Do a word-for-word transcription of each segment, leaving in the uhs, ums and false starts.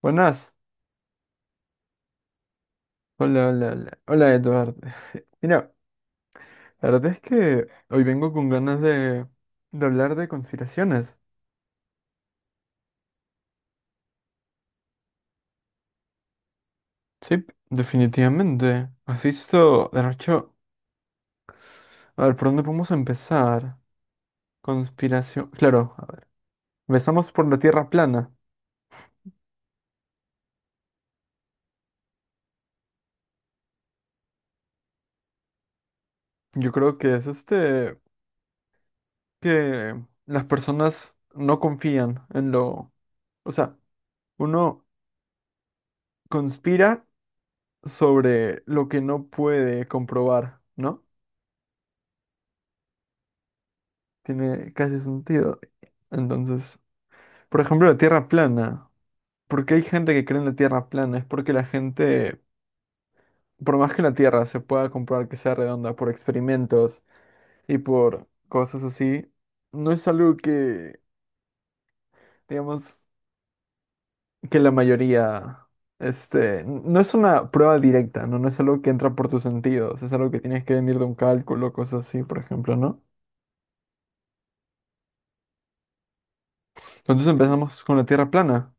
Buenas. Hola, hola, hola. Hola, Eduardo. Mira, la verdad es que hoy vengo con ganas de, de hablar de conspiraciones. Sí, definitivamente. ¿Has visto, de hecho, a ver, por dónde podemos empezar? Conspiración. Claro, a ver, empezamos por la Tierra plana. Yo creo que es este, que las personas no confían en lo... O sea, uno conspira sobre lo que no puede comprobar, ¿no? Tiene casi sentido. Entonces, por ejemplo, la Tierra plana. ¿Por qué hay gente que cree en la Tierra plana? Es porque la gente, por más que la Tierra se pueda comprobar que sea redonda por experimentos y por cosas así, no es algo que, digamos, que la mayoría, este, n- no es una prueba directa, ¿no? No es algo que entra por tus sentidos, es algo que tienes que venir de un cálculo, cosas así, por ejemplo, ¿no? Entonces empezamos con la Tierra plana.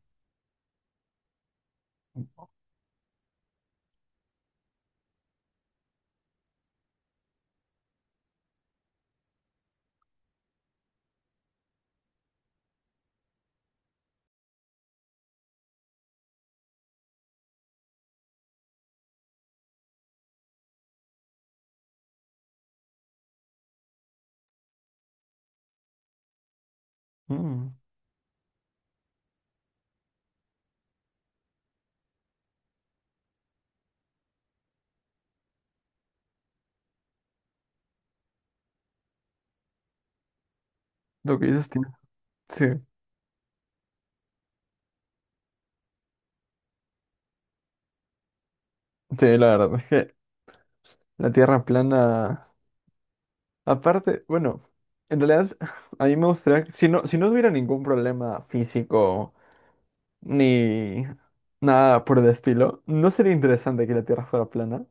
Mm, lo que dices tiene... Sí. Sí, la verdad. La Tierra plana. Aparte, bueno, en realidad a mí me gustaría, si no, si no hubiera ningún problema físico ni nada por el estilo, ¿no sería interesante que la Tierra fuera plana?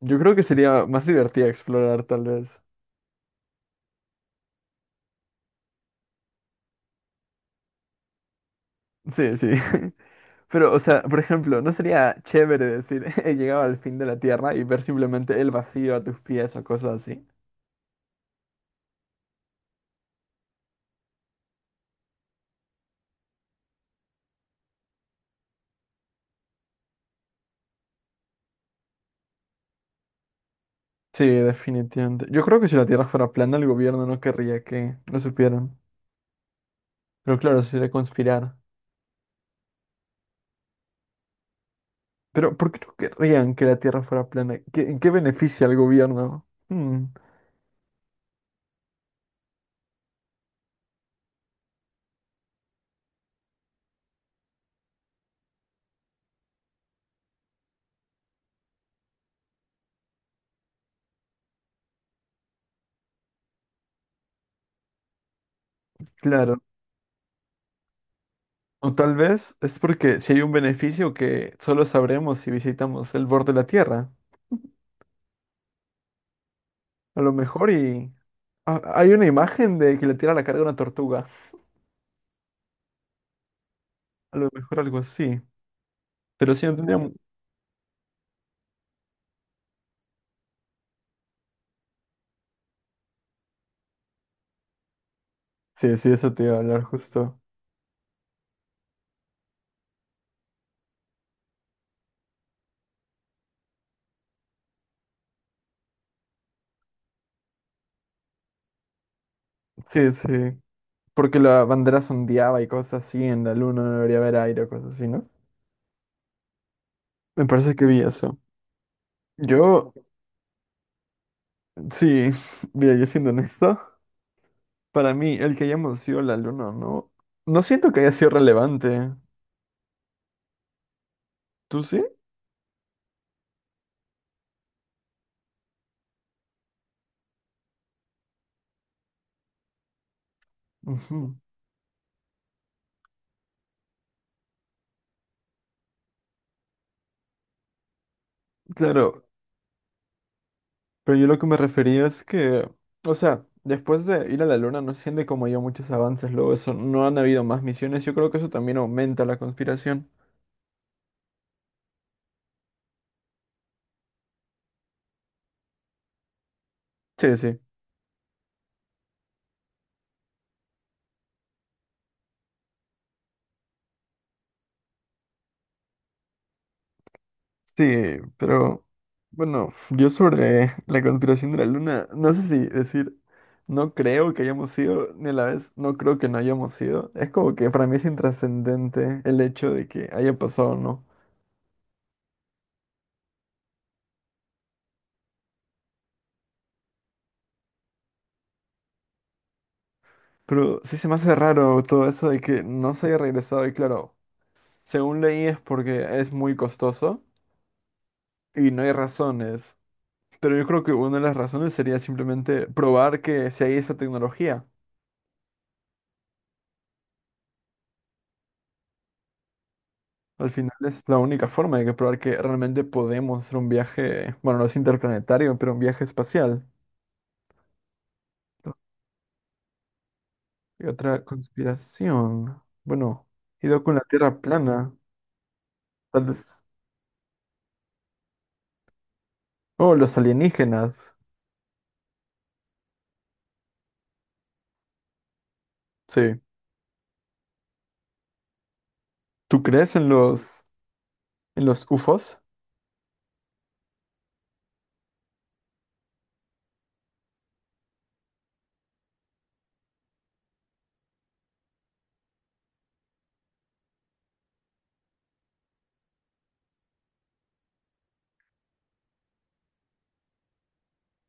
Yo creo que sería más divertida explorar, tal vez. Sí, sí. Pero, o sea, por ejemplo, ¿no sería chévere decir, he llegado al fin de la Tierra y ver simplemente el vacío a tus pies o cosas así? Sí, definitivamente. Yo creo que si la Tierra fuera plana, el gobierno no querría que lo supieran. Pero claro, sería conspirar. Pero, ¿por qué no querrían que la Tierra fuera plana? ¿Qué- ¿en qué beneficia al gobierno? Hmm, claro. O tal vez es porque si hay un beneficio que solo sabremos si visitamos el borde de la Tierra. A lo mejor y... ah, hay una imagen de que la Tierra la carga una tortuga. A lo mejor algo así. Pero sí, no tendría... mu- Sí, sí, eso te iba a hablar justo. Sí, sí. Porque la bandera sondeaba y cosas así, en la luna no debería haber aire o cosas así, ¿no? Me parece que vi eso. Yo, sí, mira, yo siendo honesto. Para mí, el que hayamos sido la luna, no, no siento que haya sido relevante. ¿Tú sí? Ujú. Claro, pero yo lo que me refería es que, o sea, después de ir a la luna no se siente como haya muchos avances, luego eso, no han habido más misiones, yo creo que eso también aumenta la conspiración. Sí, sí. Sí, pero bueno, yo sobre la conspiración de la luna, no sé si decir, no creo que hayamos sido, ni a la vez, no creo que no hayamos sido. Es como que para mí es intrascendente el hecho de que haya pasado o no. Pero sí se me hace raro todo eso de que no se haya regresado. Y claro, según leí es porque es muy costoso y no hay razones. Pero yo creo que una de las razones sería simplemente probar que si hay esa tecnología. Al final es la única forma de que probar que realmente podemos hacer un viaje, bueno, no es interplanetario, pero un viaje espacial. ¿No? Y otra conspiración. Bueno, ido con la Tierra plana, tal vez. Oh, los alienígenas. Sí. ¿Tú crees en los en los U F Os?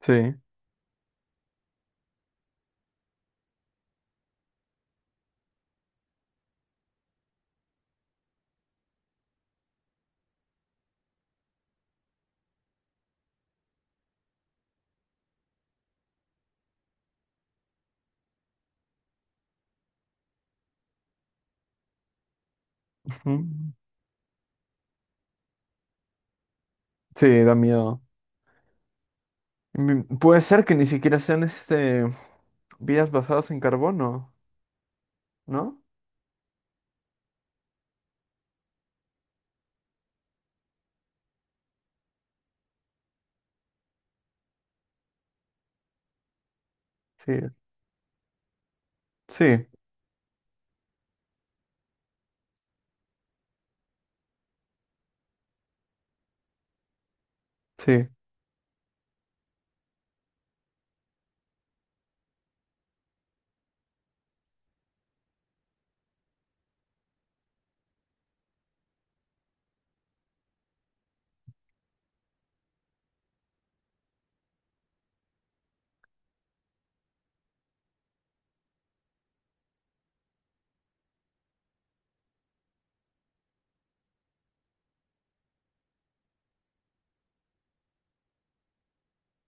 Sí. Ujú. Sí, da miedo. Mm, Puede ser que ni siquiera sean este vidas basadas en carbono, ¿no? Sí, sí, sí,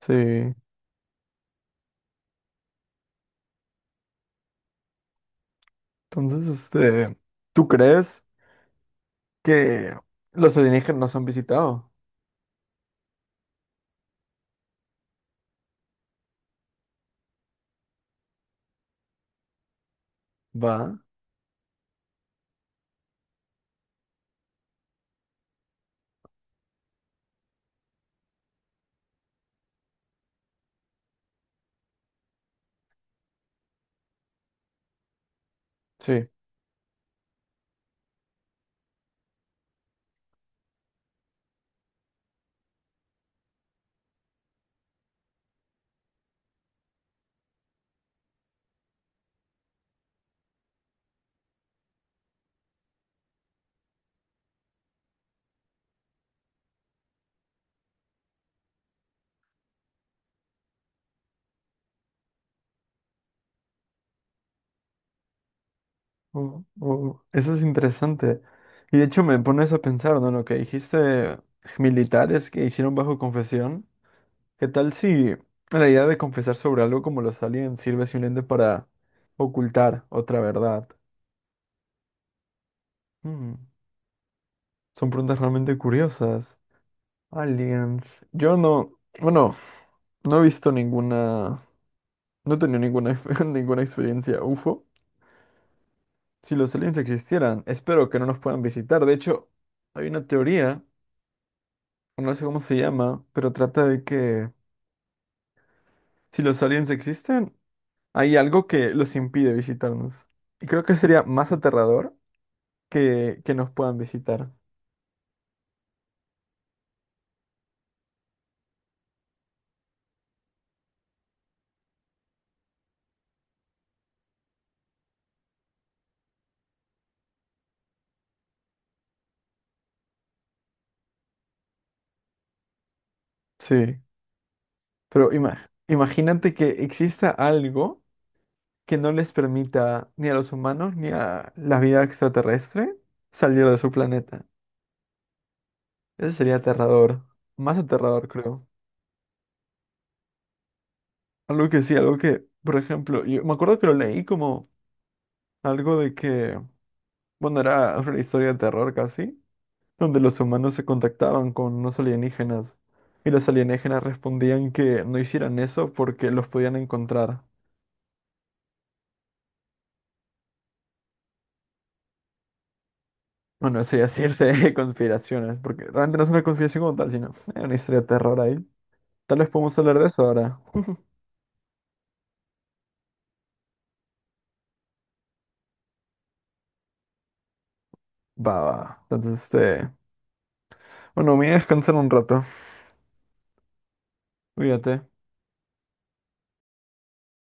sí. Entonces, este, ¿tú crees que los alienígenas nos han visitado? Va, sí. Oh, oh, eso es interesante. Y de hecho me pones a pensar, ¿no? Lo que dijiste, militares que hicieron bajo confesión. ¿Qué tal si la idea de confesar sobre algo como los aliens sirve simplemente para ocultar otra verdad? Mm, son preguntas realmente curiosas. Aliens. Yo no, bueno, no he visto ninguna, no he tenido ninguna, ninguna experiencia U F O. Si los aliens existieran, espero que no nos puedan visitar. De hecho, hay una teoría, no sé cómo se llama, pero trata de que si los aliens existen, hay algo que los impide visitarnos. Y creo que sería más aterrador que, que nos puedan visitar. Sí, pero ima- imagínate que exista algo que no les permita ni a los humanos ni a la vida extraterrestre salir de su planeta. Eso sería aterrador, más aterrador, creo. Algo que sí, algo que, por ejemplo, yo me acuerdo que lo leí como algo de que, bueno, era una historia de terror casi, donde los humanos se contactaban con unos alienígenas y los alienígenas respondían que no hicieran eso porque los podían encontrar. Bueno, eso ya sí es irse de conspiraciones, porque realmente no es una conspiración como tal, sino eh, una historia de terror ahí. Tal vez podemos hablar de eso ahora. Va, va. Entonces, este, bueno, me voy a descansar un rato. Cuídate.